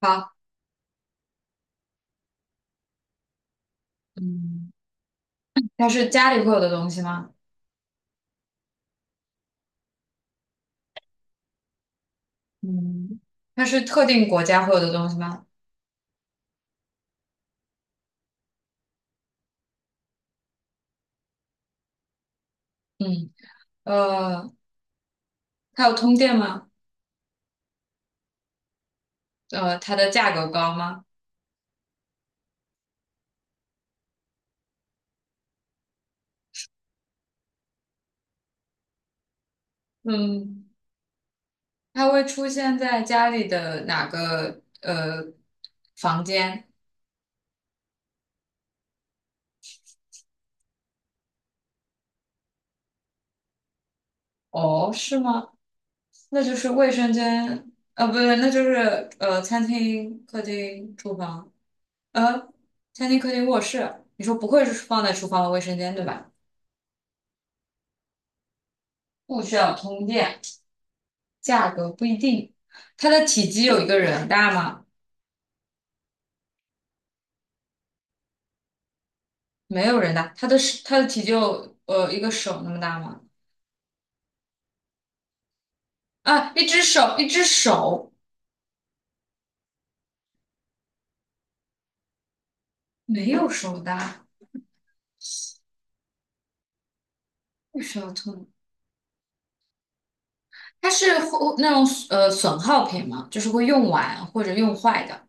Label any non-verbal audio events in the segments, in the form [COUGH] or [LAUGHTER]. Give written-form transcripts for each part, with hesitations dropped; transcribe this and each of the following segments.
好，嗯它是家里会有的东西吗？嗯，它是特定国家会有的东西吗？嗯呃，它有通电吗？它的价格高吗？嗯，它会出现在家里的哪个房间？哦，是吗？那就是卫生间，不对，那就是餐厅、客厅、厨房，呃，餐厅、客厅、卧室。你说不会是放在厨房和卫生间对吧？不需要通电，价格不一定，它的体积有一个人大吗？没有人大，它的体积有一个手那么大吗？啊，一只手没有手大，不需要通，它是会那种损耗品嘛，就是会用完或者用坏的，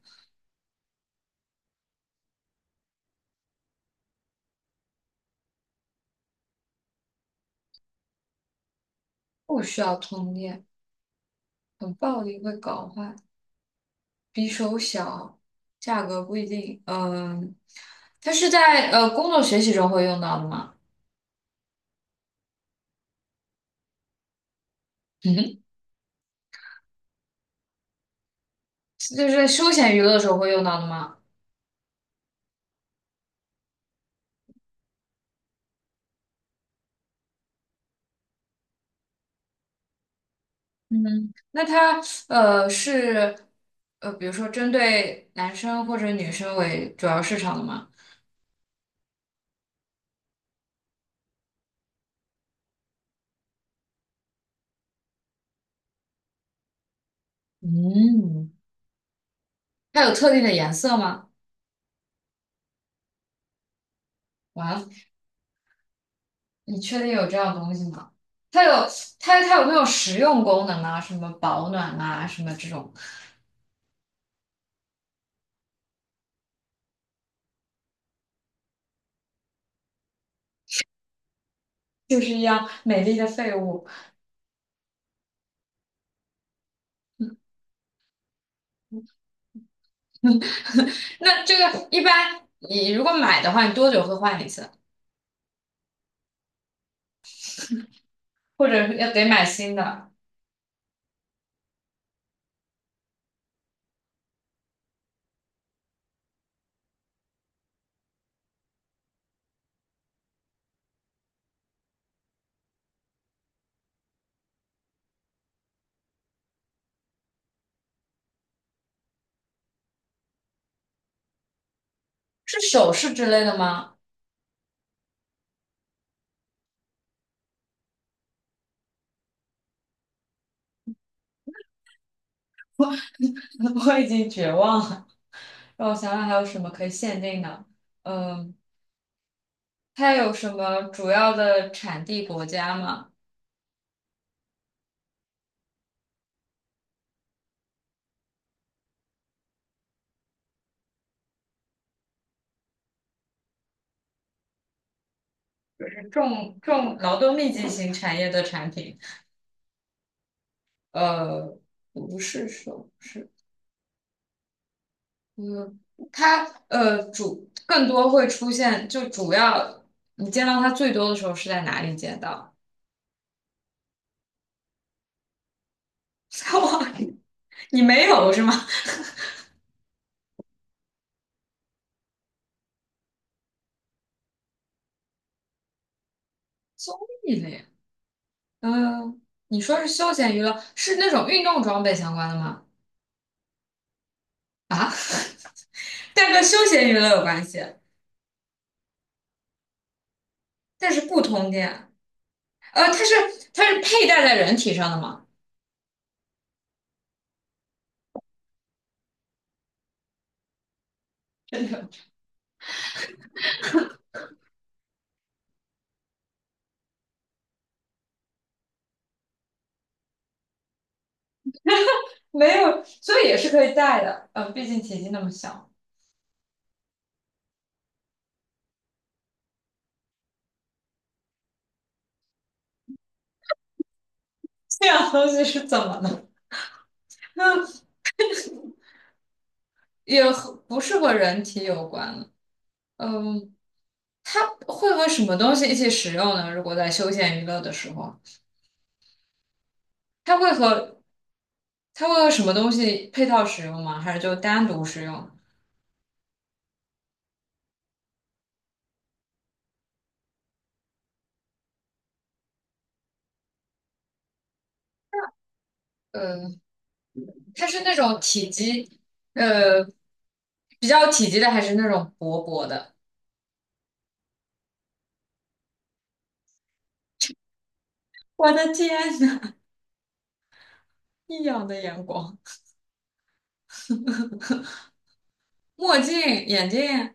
不需要通电，很暴力会搞坏，比手小，价格不一定。嗯、它是在工作学习中会用到的吗？[LAUGHS] 嗯哼。就是在休闲娱乐的时候会用到的吗？嗯，那它是比如说针对男生或者女生为主要市场的吗？嗯，它有特定的颜色吗？完了，你确定有这样东西吗？它有它有没有实用功能啊？什么保暖啊，什么这种，就是一样美丽的废物。[LAUGHS] 那这个一般你如果买的话，你多久会换一次？或者要得买新的？是首饰之类的吗？[LAUGHS] 我已经绝望了。让我想想还有什么可以限定的？嗯，它有什么主要的产地国家吗？就是劳动密集型产业的产品。呃，不是首饰，嗯，它更多会出现，就主要你见到它最多的时候是在哪里见到？[LAUGHS] 在网里，你没有是吗？综艺类，嗯、你说是休闲娱乐，是那种运动装备相关的吗？啊？但跟休闲娱乐有关系，但是不通电。呃，它是它是佩戴在人体上的吗？[LAUGHS] 真的没有，所以也是可以戴的。毕竟体积那么小，这样东西是怎么了？[LAUGHS] 嗯，也不是和人体有关了。嗯，它会和什么东西一起使用呢？如果在休闲娱乐的时候，它会和它会和什么东西配套使用吗？还是就单独使用？嗯，它是那种呃比较体积的，还是那种薄薄的？我的天呐，异样的眼光，墨镜、眼镜，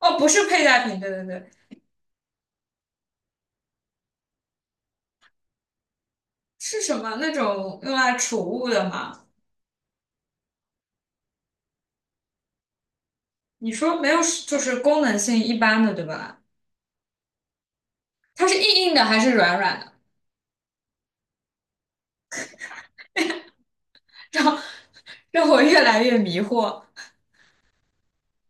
哦，不是佩戴品，对对对，是什么那种用来储物的吗？你说没有，就是功能性一般的，对吧？它是硬硬的还是软软的？[LAUGHS] 让让我越来越迷惑。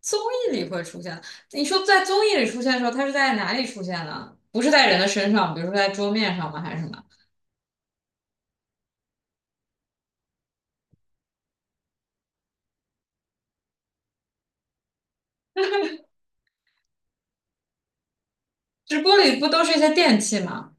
综艺里会出现，你说在综艺里出现的时候，它是在哪里出现呢？不是在人的身上，比如说在桌面上吗？还是什么？直播里不都是一些电器吗？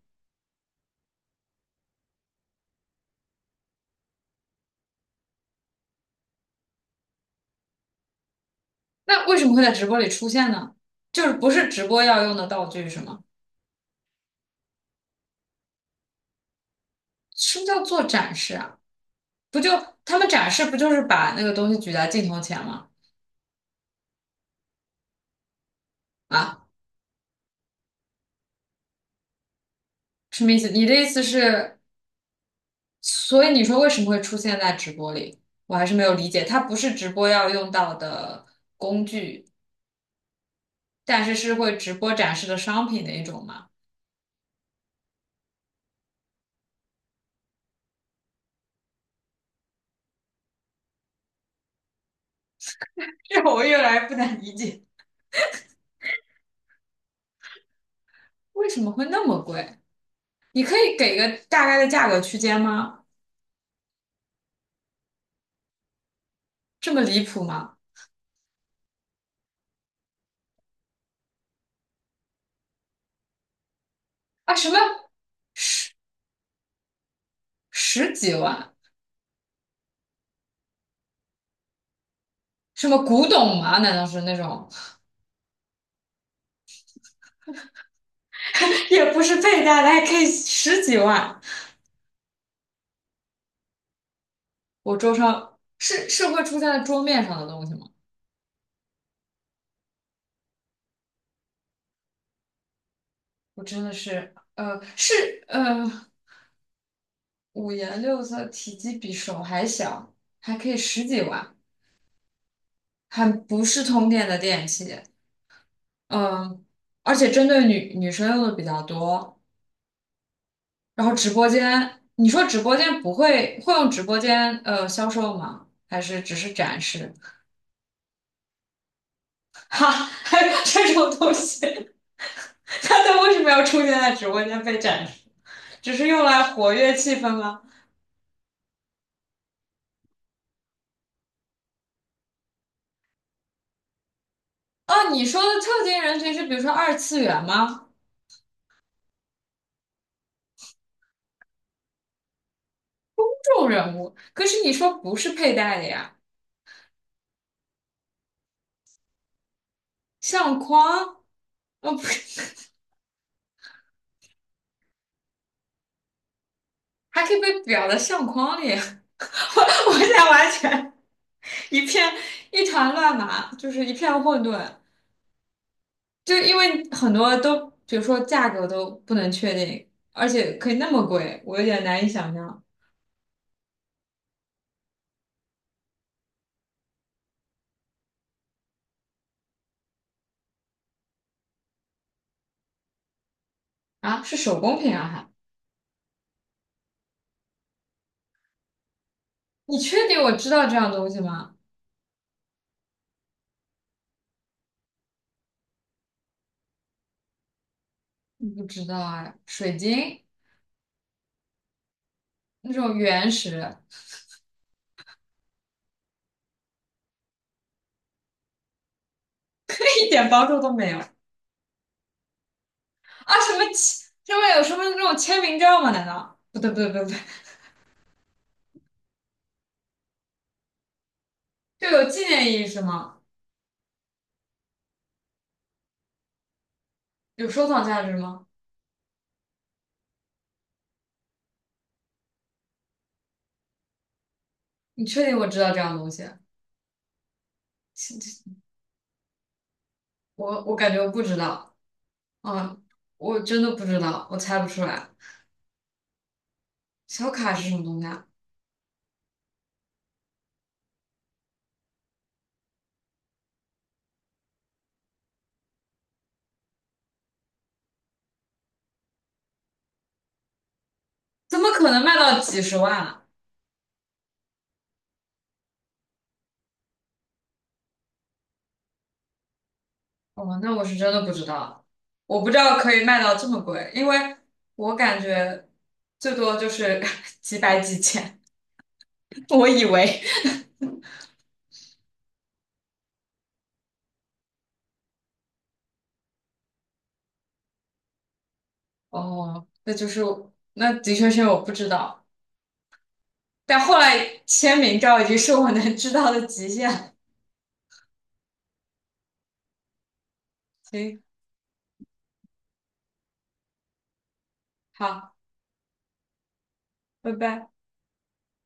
那为什么会在直播里出现呢？就是不是直播要用的道具是吗？什么叫做展示啊？不就他们展示不就是把那个东西举在镜头前吗？啊，什么意思？你的意思是，所以你说为什么会出现在直播里？我还是没有理解，它不是直播要用到的工具，但是是会直播展示的商品的一种吗？[LAUGHS] 这我越来越不能理解，为什么会那么贵？你可以给个大概的价格区间吗？这么离谱吗？啊，什么十十几万？什么古董吗？难道是那种？也不是倍大的，还可以十几万。我桌上是是会出现在桌面上的东西吗？我真的是，呃，五颜六色，体积比手还小，还可以十几万，还不是通电的电器，嗯、而且针对女生用的比较多。然后直播间，你说直播间不会会用直播间销售吗？还是只是展示？[LAUGHS] 哈，还有这种东西。[LAUGHS] 他都为什么要出现在直播间被展示？只是用来活跃气氛吗？哦，你说的特定人群是比如说二次元吗？这种人物，可是你说不是佩戴的呀，相框，哦不还可以被裱在相框里。[LAUGHS] 我现在完全一片一团乱麻，就是一片混沌。就因为很多都，比如说价格都不能确定，而且可以那么贵，我有点难以想象啊，是手工品啊还？你确定我知道这样东西吗？不知道啊，水晶那种原石，[LAUGHS] 一点帮助都没有啊！什么签上面有什么那种签名照吗？难道不对不对不对不对，就有纪念意义是吗？有收藏价值吗？你确定我知道这样东西？是是我感觉我不知道，啊，我真的不知道，我猜不出来。小卡是什么东西啊？怎么可能卖到几十万啊。哦，那我是真的不知道，我不知道可以卖到这么贵，因为我感觉最多就是 [LAUGHS] 几百几千。[LAUGHS] 我以为，哦，那的确是我不知道，但后来签名照已经是我能知道的极限了。行，好，拜拜。